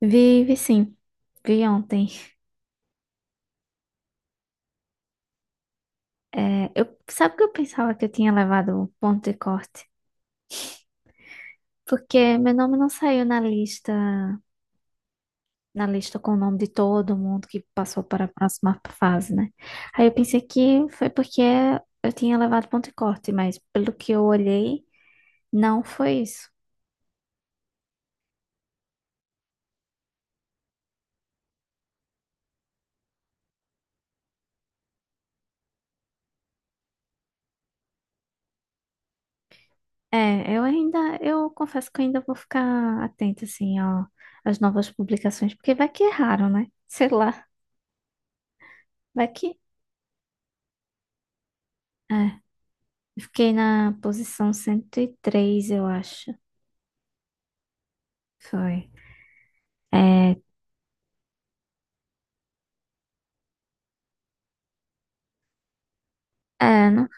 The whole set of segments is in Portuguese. Vi, vi sim. Vi ontem. Sabe que eu pensava que eu tinha levado ponto de corte? Porque meu nome não saiu na lista com o nome de todo mundo que passou para a próxima fase, né? Aí eu pensei que foi porque eu tinha levado ponto de corte, mas pelo que eu olhei, não foi isso. Eu confesso que eu ainda vou ficar atenta, assim, ó, às novas publicações, porque vai que erraram, né? Sei lá, vai que. É. Eu fiquei na posição 103, eu acho. Foi. É, não,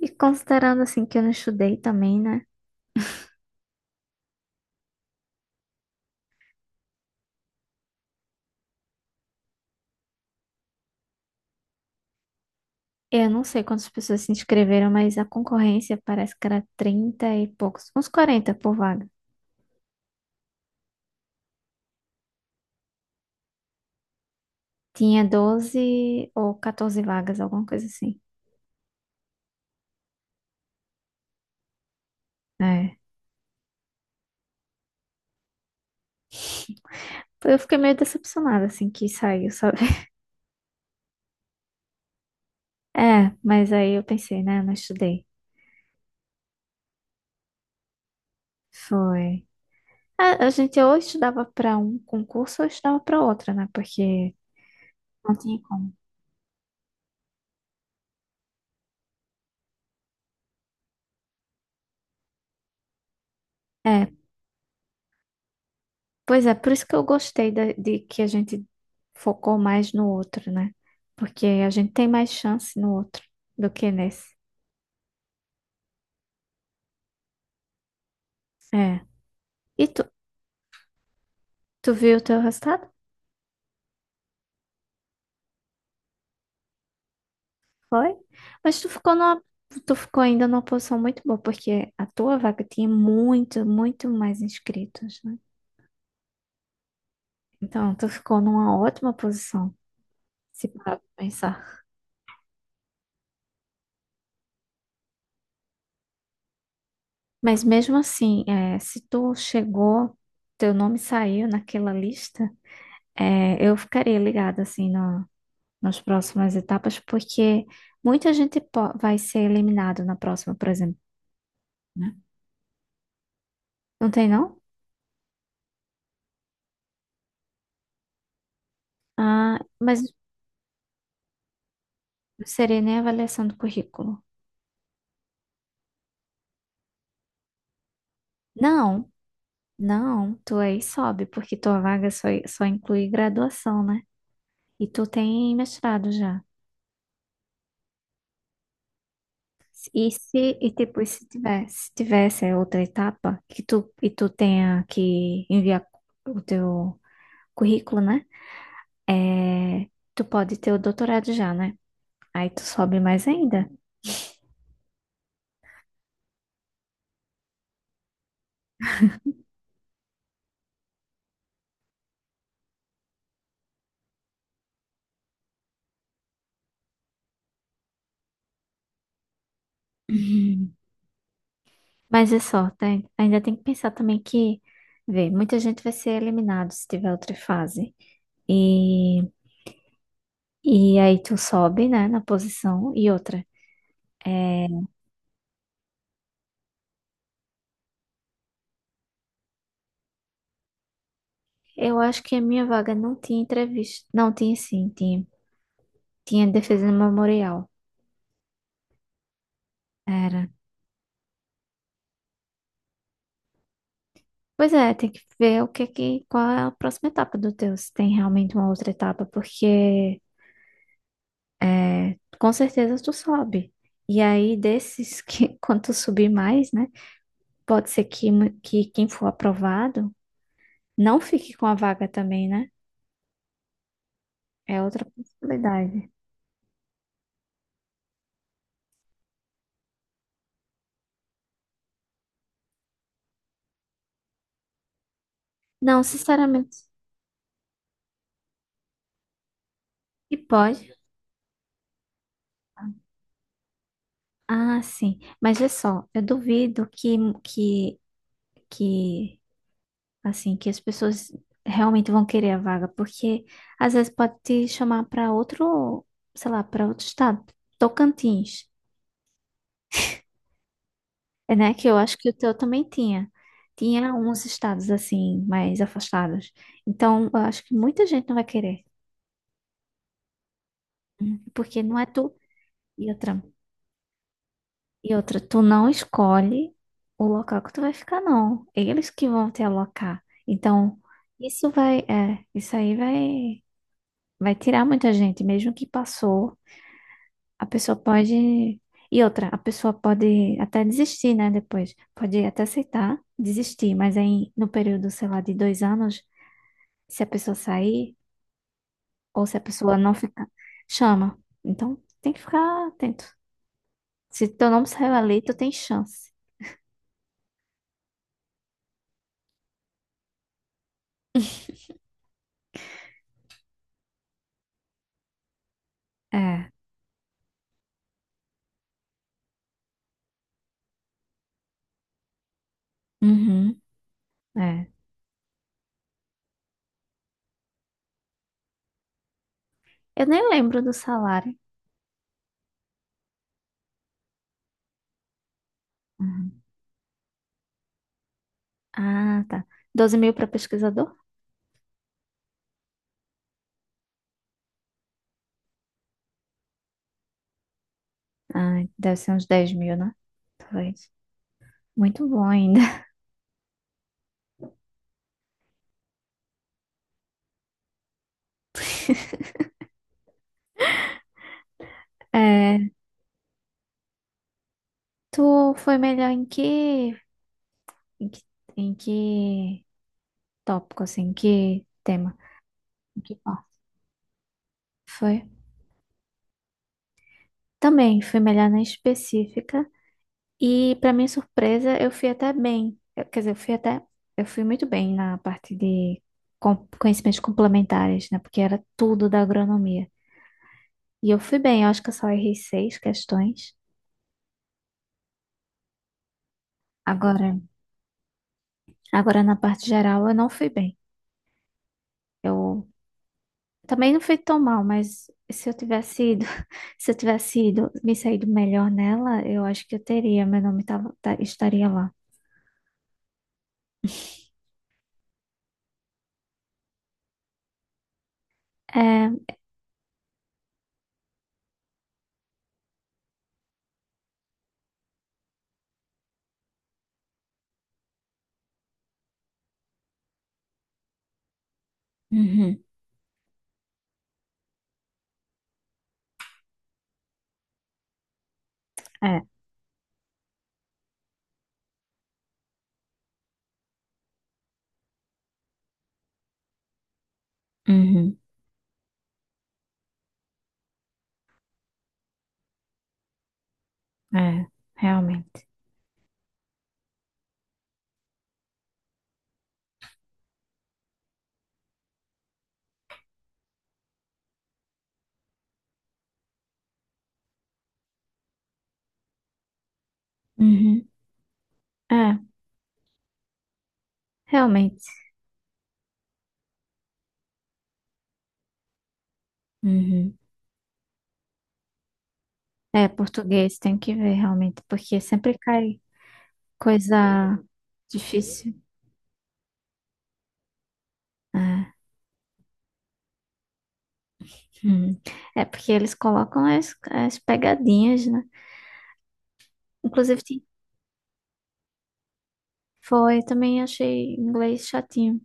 e considerando assim que eu não estudei também, né? Eu não sei quantas pessoas se inscreveram, mas a concorrência parece que era 30 e poucos, uns 40 por vaga. Tinha doze ou 14 vagas, alguma coisa assim. É. Eu fiquei meio decepcionada assim que saiu, sabe? É, mas aí eu pensei, né? Eu não estudei. Foi. A gente ou estudava para um concurso ou estudava para outro, né? Porque não tinha como. É, pois é, por isso que eu gostei que a gente focou mais no outro, né? Porque a gente tem mais chance no outro do que nesse. É. E tu, tu viu o teu resultado? Foi? Mas tu ficou numa, tu ficou ainda numa posição muito boa, porque a tua vaga tinha muito, muito mais inscritos, né? Então, tu ficou numa ótima posição, se parar pra pensar. Mas mesmo assim, é, se tu chegou, teu nome saiu naquela lista. É, eu ficarei ligada assim nas próximas etapas, porque muita gente vai ser eliminado na próxima, por exemplo, né? Não tem, não? Ah, mas não seria nem avaliação do currículo. Não, não, tu aí sobe, porque tua vaga só inclui graduação, né? E tu tem mestrado já. E se, e depois se tiver, se tivesse a outra etapa, que tu, e tu tenha que enviar o teu currículo, né? É, tu pode ter o doutorado já, né? Aí tu sobe mais ainda. Uhum. Mas é só, tá? Ainda tem que pensar também que, vê, muita gente vai ser eliminado se tiver outra fase. E, e aí tu sobe, né, na posição e outra. É, eu acho que a minha vaga não tinha entrevista. Não, tinha sim, tinha. Tinha defesa memorial. Era. Pois é, tem que ver qual é a próxima etapa do teu, se tem realmente uma outra etapa, porque é, com certeza tu sobe. E aí, desses que, quando tu subir mais, né? Pode ser que quem for aprovado não fique com a vaga também, né? É outra possibilidade. Não, sinceramente. E pode. Ah, sim. Mas vê só, eu duvido que, que, assim, que as pessoas realmente vão querer a vaga, porque às vezes pode te chamar para outro, sei lá, para outro estado. Tocantins. É, né? Que eu acho que o teu também tinha. Tinha uns estados assim, mais afastados. Então, eu acho que muita gente não vai querer. Hum. Porque não é tu. E outra, e outra, tu não escolhe o local que tu vai ficar, não. Eles que vão te alocar. Então, isso aí vai tirar muita gente. Mesmo que passou, a pessoa pode. E outra, a pessoa pode até desistir, né? Depois. Pode até aceitar, desistir, mas aí no período, sei lá, de 2 anos. Se a pessoa sair ou se a pessoa não ficar, chama. Então, tem que ficar atento. Se teu nome saiu ali, tu tem chance. É. Uhum. É. Eu nem lembro do salário. Uhum. Ah, tá. 12 mil para pesquisador? Ah, deve ser uns 10 mil, né? Talvez. Muito bom ainda. É. Tu foi melhor em que, em que tópico, assim, em que tema? Em que parte? Foi? Também, fui melhor na específica. E, para minha surpresa, eu fui até bem. Quer dizer, eu fui até. Eu fui muito bem na parte de conhecimentos complementares, né? Porque era tudo da agronomia. E eu fui bem, eu acho que eu só errei 6 questões. Agora, agora na parte geral, eu não fui bem. Eu também não fui tão mal, mas se eu tivesse ido, se eu tivesse ido, me saído melhor nela, eu acho que eu teria. Meu nome tava, tá- estaria lá. É. Uhum. É. Uhum. É. Realmente. Uhum. É. Realmente. Uhum. É, português, tem que ver realmente, porque sempre cai coisa difícil. É, hum. É, porque eles colocam as pegadinhas, né? Inclusive, foi, também achei inglês chatinho.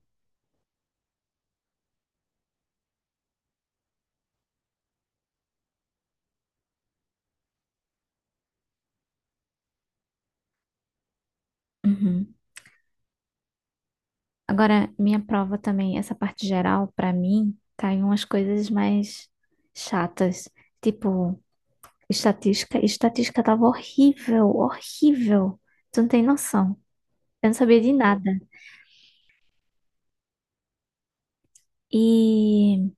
Uhum. Agora, minha prova também, essa parte geral, pra mim, cai umas coisas mais chatas, tipo estatística. Estatística tava horrível, horrível. Tu não tem noção. Eu não sabia de nada. E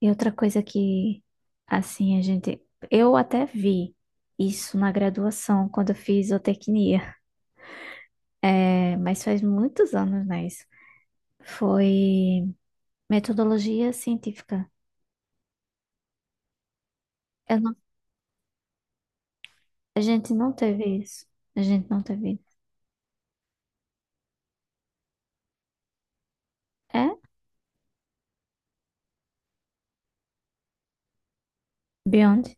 e outra coisa que, assim, a gente. Eu até vi isso na graduação, quando eu fiz zootecnia, é, mas faz muitos anos, né? Isso. Foi metodologia científica. Eu não- a gente não teve isso. A gente não teve. É? Beyond?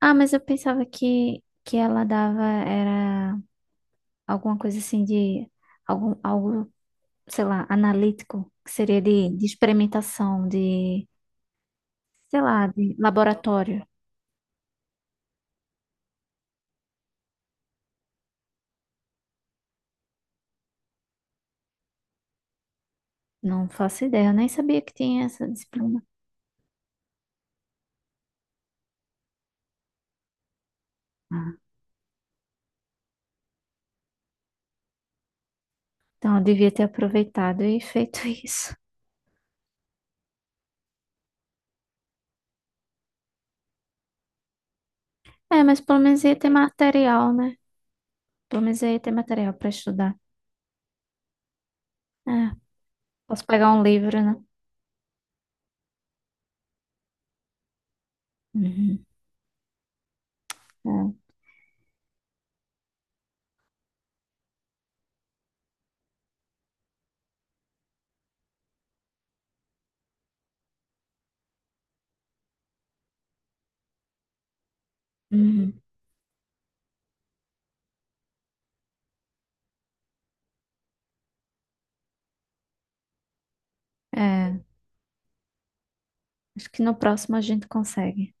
Ah, mas eu pensava que ela dava, era alguma coisa assim de. Algo, sei lá, analítico, que seria de experimentação, de, sei lá, de laboratório. Não faço ideia, eu nem sabia que tinha essa disciplina. Ah, então eu devia ter aproveitado e feito isso. É, mas pelo menos ia ter material, né? Pelo menos ia ter material para estudar. É, posso pegar um livro, né? Uhum, é, uhum, é. Acho que no próximo a gente consegue.